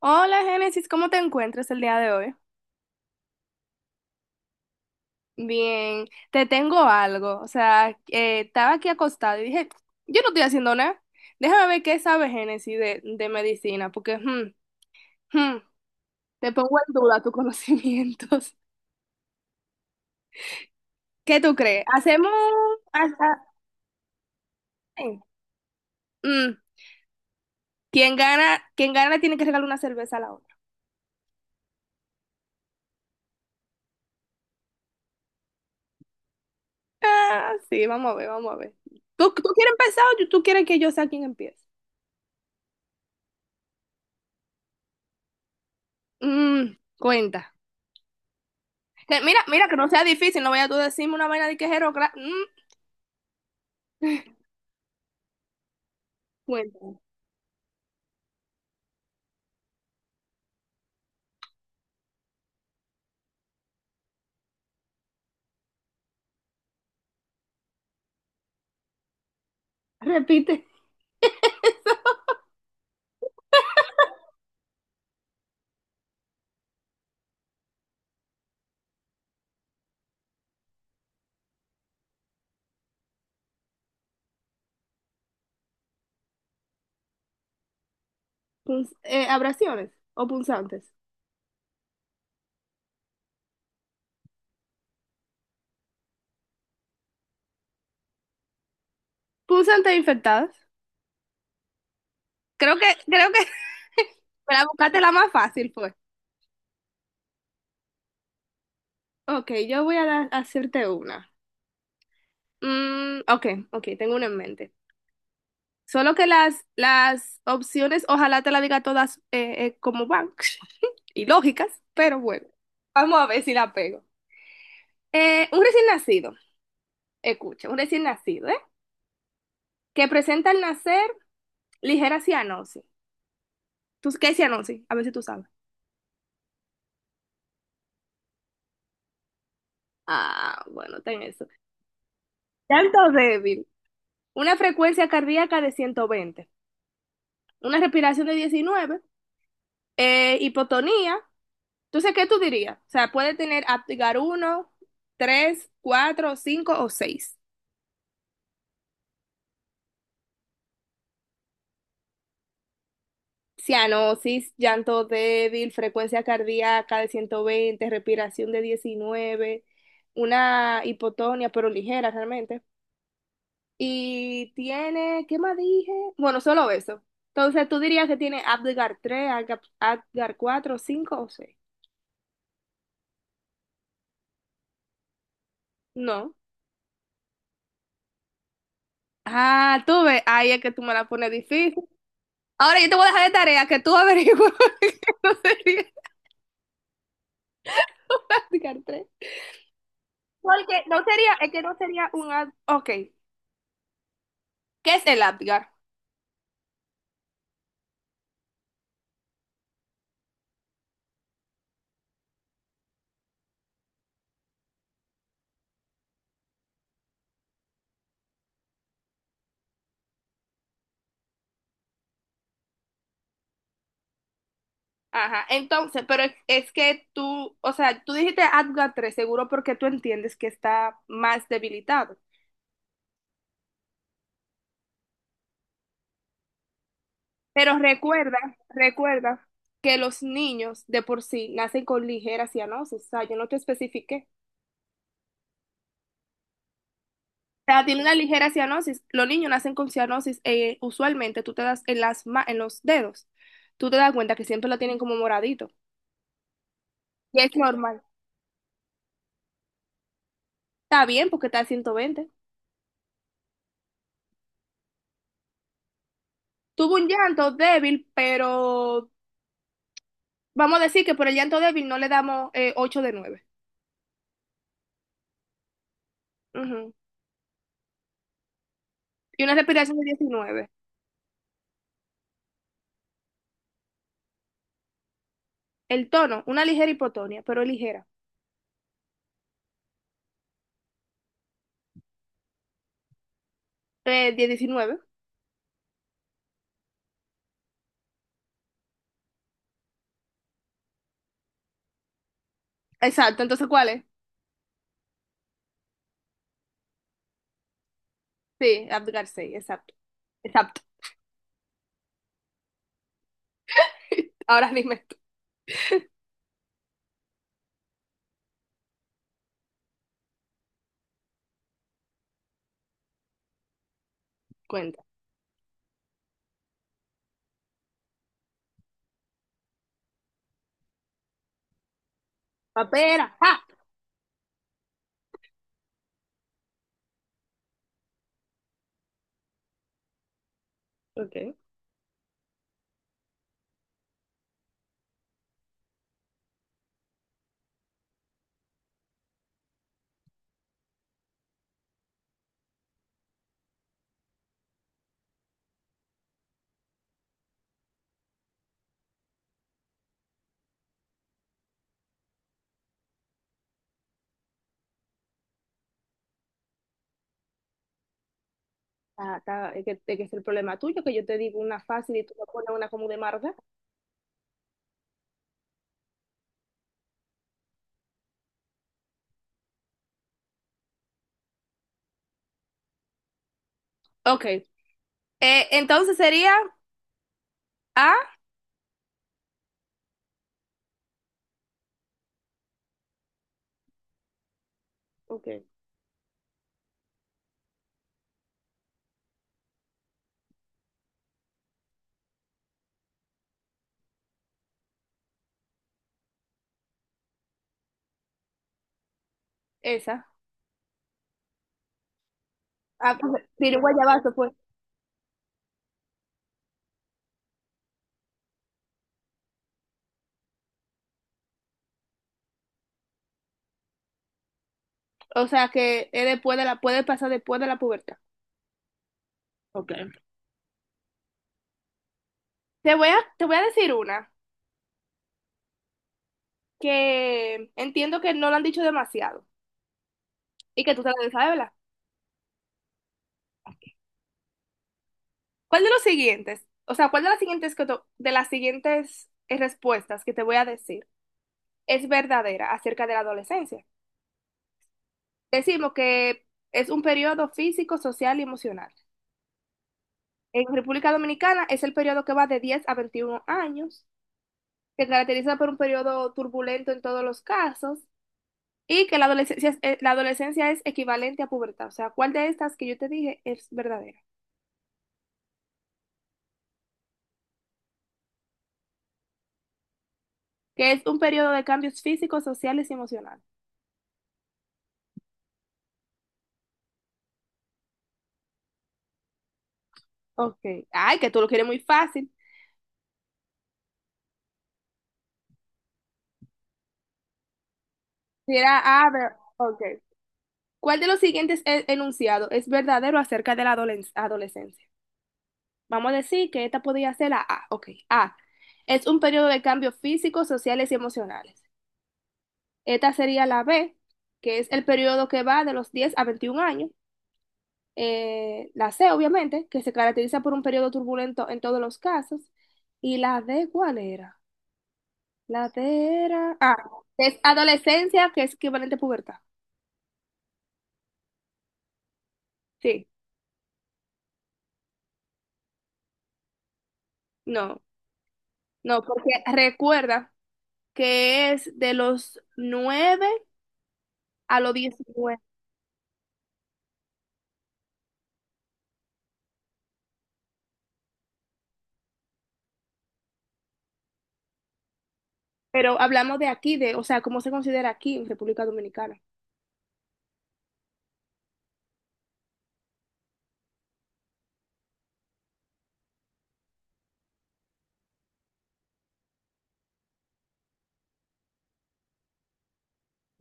Hola Génesis, ¿cómo te encuentras el día de hoy? Bien, te tengo algo. O sea, estaba aquí acostada y dije, yo no estoy haciendo nada. Déjame ver qué sabe Génesis de medicina, porque hmm, te pongo en duda tus conocimientos. ¿Qué tú crees? Hasta- eh, mm, quien gana tiene que regalar una cerveza a la otra. Ah, sí, vamos a ver, vamos a ver. ¿Tú quieres empezar o tú quieres que yo sea quien empiece? Mm, cuenta. Que mira, mira, que no sea difícil, no vaya tú a decirme una vaina de quejero. Cuenta. Repite. Abrasiones o punzantes. Punzantes infectadas. Creo que, para buscarte la más fácil fue. Ok, yo voy a hacerte una. Ok, ok, tengo una en mente. Solo que las opciones, ojalá te la diga todas como van y lógicas, pero bueno, vamos a ver si la pego. Un recién nacido, escucha, un recién nacido, ¿eh? Que presenta al nacer ligera cianosis. ¿Tú qué es cianosis? A ver si tú sabes. Ah, bueno, ten eso. Llanto débil. Una frecuencia cardíaca de 120. Una respiración de 19. Hipotonía. Entonces, ¿qué tú dirías? O sea, puede tener aptigar uno, tres, cuatro, cinco o seis. Cianosis, llanto débil, frecuencia cardíaca de 120, respiración de 19, una hipotonia, pero ligera realmente. Y tiene, ¿qué más dije? Bueno, solo eso. Entonces, ¿tú dirías que tiene Apgar 3 Apgar 4, 5 o seis? No. Ah, tú ves, ahí es que tú me la pones difícil. Ahora yo te voy a dejar de tarea que tú averigües que no sería un Apgar 3. Porque no sería, es que no sería un Apgar. Ok, ¿qué es el Apgar? Ajá, entonces, pero es que tú, o sea, tú dijiste Apgar 3 seguro porque tú entiendes que está más debilitado. Pero recuerda, recuerda que los niños de por sí nacen con ligera cianosis. O sea, yo no te especifiqué. O sea, tiene una ligera cianosis. Los niños nacen con cianosis. Usualmente tú te das en en los dedos. Tú te das cuenta que siempre lo tienen como moradito. Y es normal. Está bien porque está a 120. Tuvo un llanto débil, pero vamos a decir que por el llanto débil no le damos 8 de nueve. Ujú. Y una respiración de 19. El tono, una ligera hipotonia, pero ligera. De 19. Exacto, entonces ¿cuál es? Sí, Abdul 6, exacto, exacto. Ahora mismo es tu cuenta. Papera, ¡ja! Ok. Ah, es que es el problema tuyo, que yo te digo una fácil y tú me pones una como de marga. Ok. Entonces sería A. Ok. Esa. Ah, pues, pirigua ya pues. O sea que es puede pasar después de la pubertad. Ok. Te voy a decir una que entiendo que no la han dicho demasiado y que tú te la sabes, ¿verdad? ¿Cuál de los siguientes, o sea, cuál de las siguientes, respuestas que te voy a decir es verdadera acerca de la adolescencia? Decimos que es un periodo físico, social y emocional. En República Dominicana es el periodo que va de 10 a 21 años, que caracteriza por un periodo turbulento en todos los casos, y que la adolescencia, la adolescencia es equivalente a pubertad. O sea, ¿cuál de estas que yo te dije es verdadera? Que es un periodo de cambios físicos, sociales y emocionales. Ok. Ay, que tú lo quieres muy fácil. Si era A, B, ok. ¿Cuál de los siguientes enunciados es verdadero acerca de la adolescencia? Vamos a decir que esta podría ser la A. Ok. A. Es un periodo de cambios físicos, sociales y emocionales. Esta sería la B, que es el periodo que va de los 10 a 21 años. La C, obviamente, que se caracteriza por un periodo turbulento en todos los casos. Y la D, ¿cuál era? La D era. Ah, es adolescencia, que es equivalente a pubertad. Sí, no. No, porque recuerda que es de los 9 a los 19. Pero hablamos de aquí, o sea, cómo se considera aquí en República Dominicana,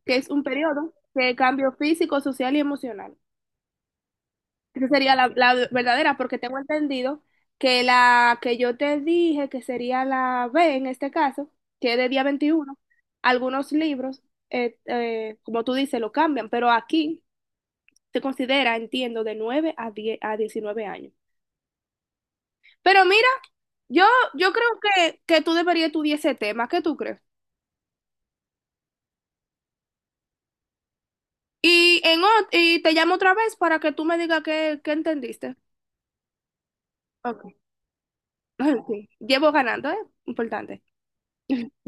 que es un periodo de cambio físico, social y emocional. Esa sería la verdadera, porque tengo entendido que la que yo te dije, que sería la B en este caso, que es de día 21. Algunos libros, como tú dices, lo cambian, pero aquí se considera, entiendo, de 9 a 10, a 19 años. Pero mira, Yo, yo creo que tú deberías estudiar ese tema. ¿Qué tú crees? Y te llamo otra vez para que tú me digas qué entendiste. Ok. Sí. Llevo ganando, ¿eh? Importante.